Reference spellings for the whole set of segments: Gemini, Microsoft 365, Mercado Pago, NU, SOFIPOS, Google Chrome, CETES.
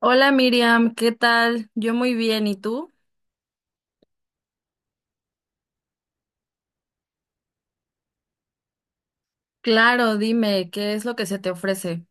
Hola Miriam, ¿qué tal? Yo muy bien, ¿y tú? Claro, dime, ¿qué es lo que se te ofrece?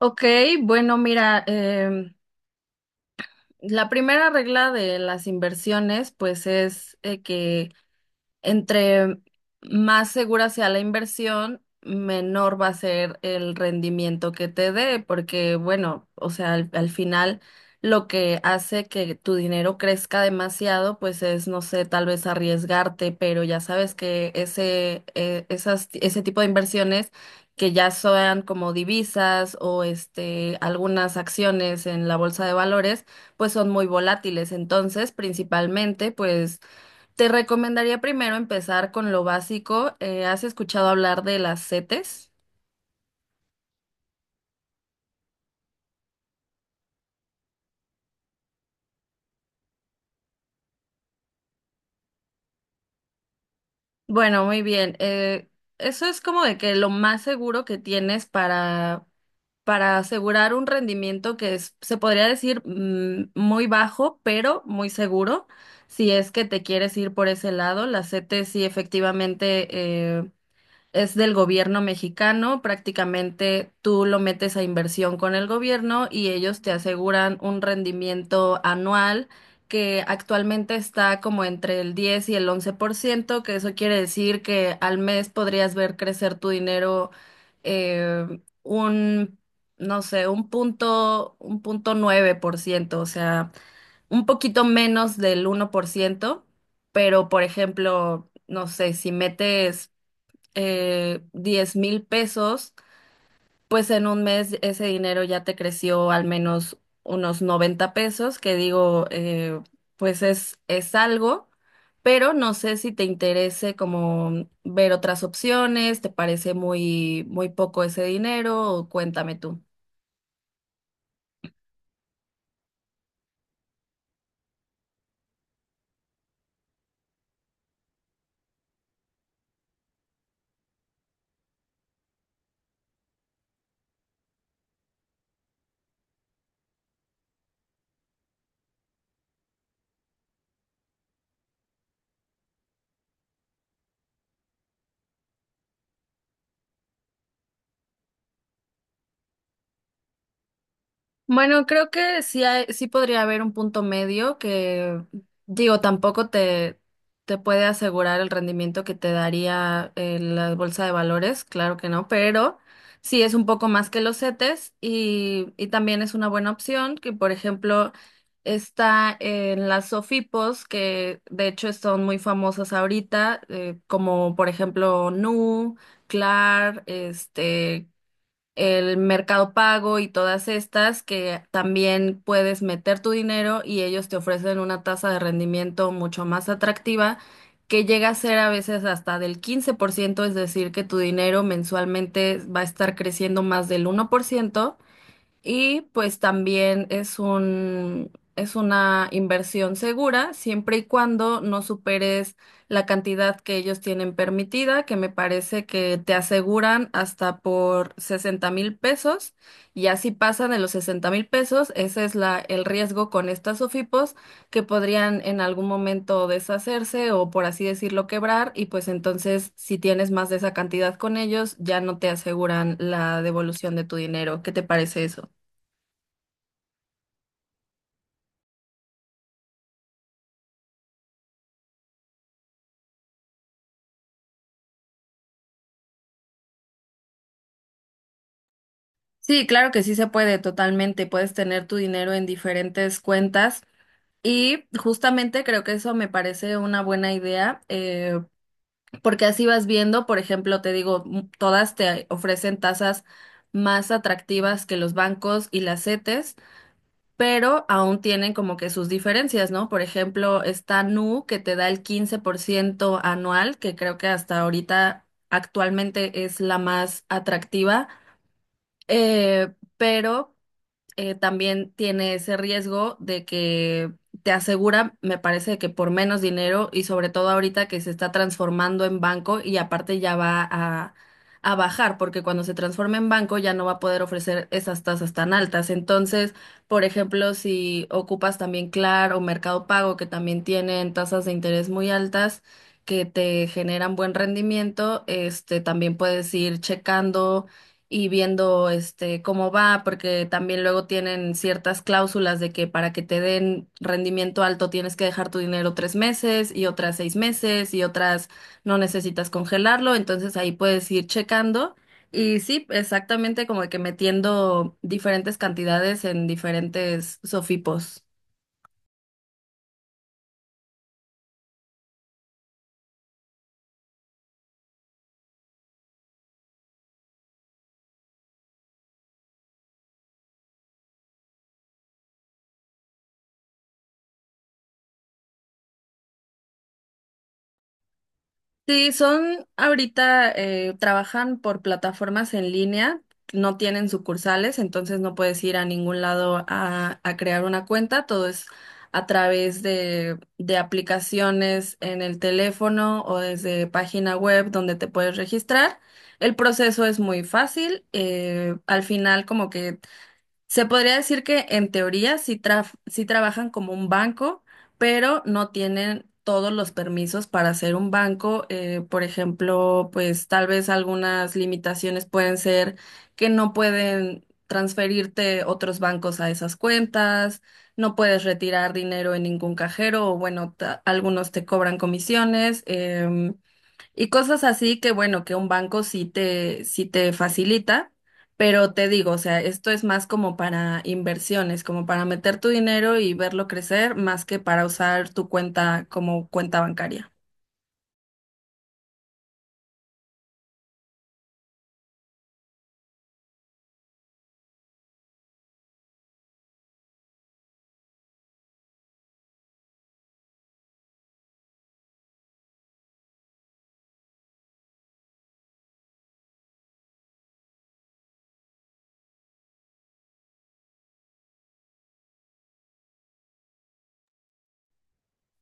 Ok, bueno, mira, la primera regla de las inversiones, pues es, que entre más segura sea la inversión, menor va a ser el rendimiento que te dé, porque bueno, o sea, al final lo que hace que tu dinero crezca demasiado, pues es, no sé, tal vez arriesgarte, pero ya sabes que ese tipo de inversiones que ya sean como divisas o este, algunas acciones en la bolsa de valores, pues son muy volátiles. Entonces, principalmente, pues te recomendaría primero empezar con lo básico. ¿Has escuchado hablar de las CETES? Bueno, muy bien. Eso es como de que lo más seguro que tienes para, asegurar un rendimiento que es, se podría decir, muy bajo, pero muy seguro. Si es que te quieres ir por ese lado, las CETES, sí, efectivamente, eh, es del gobierno mexicano. Prácticamente tú lo metes a inversión con el gobierno y ellos te aseguran un rendimiento anual que actualmente está como entre el 10 y el 11%, que eso quiere decir que al mes podrías ver crecer tu dinero, eh, un, no sé, 1.9%, o sea, un poquito menos del 1%. Pero por ejemplo, no sé, si metes 10 mil pesos, pues en un mes ese dinero ya te creció al menos unos 90 pesos, que digo, pues es algo, pero no sé si te interese como ver otras opciones, te parece muy, muy poco ese dinero, o cuéntame tú. Bueno, creo que sí, sí podría haber un punto medio que, digo, tampoco te puede asegurar el rendimiento que te daría, la bolsa de valores, claro que no, pero sí es un poco más que los CETES, y también es una buena opción que, por ejemplo, está en las SOFIPOS, que de hecho son muy famosas ahorita, como por ejemplo NU, CLAR, este, el Mercado Pago y todas estas, que también puedes meter tu dinero y ellos te ofrecen una tasa de rendimiento mucho más atractiva, que llega a ser a veces hasta del 15%, es decir, que tu dinero mensualmente va a estar creciendo más del 1%, y pues también es es una inversión segura, siempre y cuando no superes la cantidad que ellos tienen permitida, que me parece que te aseguran hasta por 60,000 pesos. Y así pasan de los 60,000 pesos, ese es el riesgo con estas OFIPOS, que podrían en algún momento deshacerse o, por así decirlo, quebrar. Y pues entonces, si tienes más de esa cantidad con ellos, ya no te aseguran la devolución de tu dinero. ¿Qué te parece eso? Sí, claro que sí se puede, totalmente. Puedes tener tu dinero en diferentes cuentas y justamente creo que eso me parece una buena idea, porque así vas viendo, por ejemplo, te digo, todas te ofrecen tasas más atractivas que los bancos y las CETES, pero aún tienen como que sus diferencias, ¿no? Por ejemplo, está Nu, que te da el 15% anual, que creo que hasta ahorita actualmente es la más atractiva. Pero también tiene ese riesgo de que te asegura, me parece que por menos dinero, y sobre todo ahorita que se está transformando en banco, y aparte ya va a bajar, porque cuando se transforme en banco ya no va a poder ofrecer esas tasas tan altas. Entonces, por ejemplo, si ocupas también Claro o Mercado Pago, que también tienen tasas de interés muy altas, que te generan buen rendimiento, este también puedes ir checando y viendo este cómo va, porque también luego tienen ciertas cláusulas de que para que te den rendimiento alto tienes que dejar tu dinero 3 meses, y otras 6 meses, y otras no necesitas congelarlo, entonces ahí puedes ir checando. Y sí, exactamente, como que metiendo diferentes cantidades en diferentes sofipos. Sí, son ahorita, trabajan por plataformas en línea, no tienen sucursales, entonces no puedes ir a ningún lado a crear una cuenta, todo es a través de aplicaciones en el teléfono o desde página web donde te puedes registrar. El proceso es muy fácil, al final como que se podría decir que en teoría sí, sí trabajan como un banco, pero no tienen todos los permisos para ser un banco. Por ejemplo, pues tal vez algunas limitaciones pueden ser que no pueden transferirte otros bancos a esas cuentas, no puedes retirar dinero en ningún cajero o, bueno, algunos te cobran comisiones. Y cosas así, que bueno, que un banco sí te facilita, pero te digo, o sea, esto es más como para inversiones, como para meter tu dinero y verlo crecer, más que para usar tu cuenta como cuenta bancaria.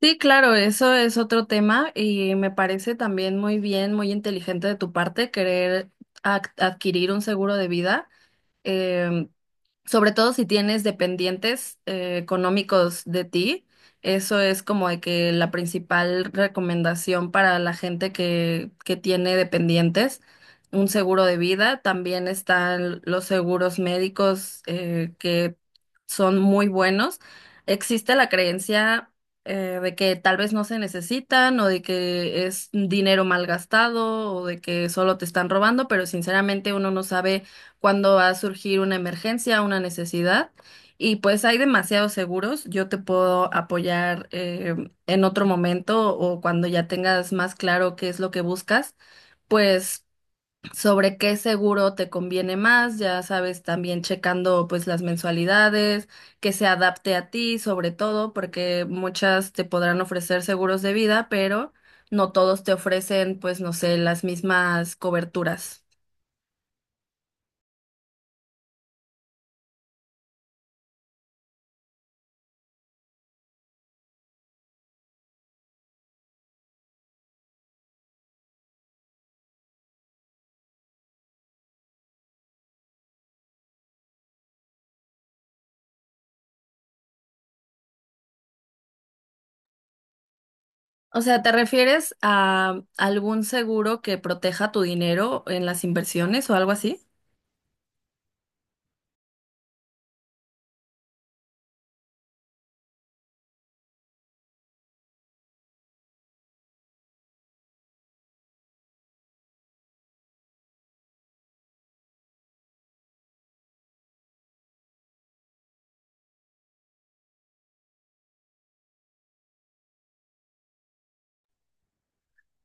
Sí, claro, eso es otro tema y me parece también muy bien, muy inteligente de tu parte querer adquirir un seguro de vida. Em, Sobre todo si tienes dependientes económicos de ti, eso es como de que la principal recomendación para la gente que tiene dependientes, un seguro de vida. También están los seguros médicos, que son muy buenos. Existe la creencia, de que tal vez no se necesitan, o de que es dinero mal gastado, o de que solo te están robando, pero sinceramente uno no sabe cuando va a surgir una emergencia, una necesidad. Y pues hay demasiados seguros. Yo te puedo apoyar en otro momento o cuando ya tengas más claro qué es lo que buscas, pues sobre qué seguro te conviene más, ya sabes, también checando pues las mensualidades, que se adapte a ti sobre todo, porque muchas te podrán ofrecer seguros de vida, pero no todos te ofrecen, pues no sé, las mismas coberturas. O sea, ¿te refieres a algún seguro que proteja tu dinero en las inversiones o algo así?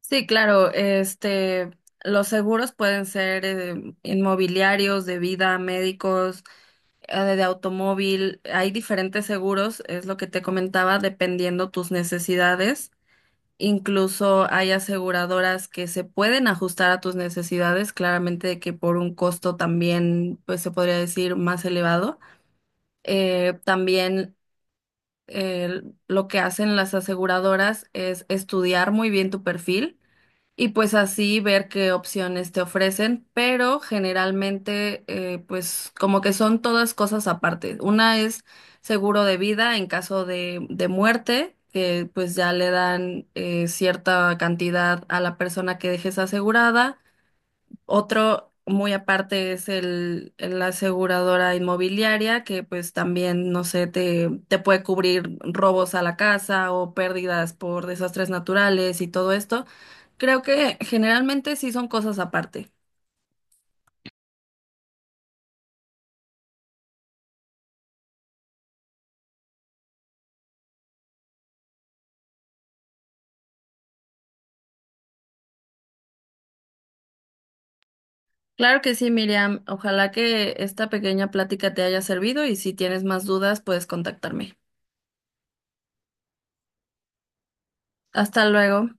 Sí, claro, este, los seguros pueden ser, inmobiliarios, de vida, médicos, de automóvil. Hay diferentes seguros, es lo que te comentaba, dependiendo tus necesidades. Incluso hay aseguradoras que se pueden ajustar a tus necesidades, claramente de que por un costo también, pues se podría decir, más elevado. También lo que hacen las aseguradoras es estudiar muy bien tu perfil y pues así ver qué opciones te ofrecen, pero generalmente, pues como que son todas cosas aparte. Una es seguro de vida en caso de muerte, que pues ya le dan, cierta cantidad a la persona que dejes asegurada. Otro muy aparte es la aseguradora inmobiliaria, que pues también, no sé, te puede cubrir robos a la casa o pérdidas por desastres naturales y todo esto. Creo que generalmente sí son cosas aparte. Claro que sí, Miriam. Ojalá que esta pequeña plática te haya servido y si tienes más dudas, puedes contactarme. Hasta luego.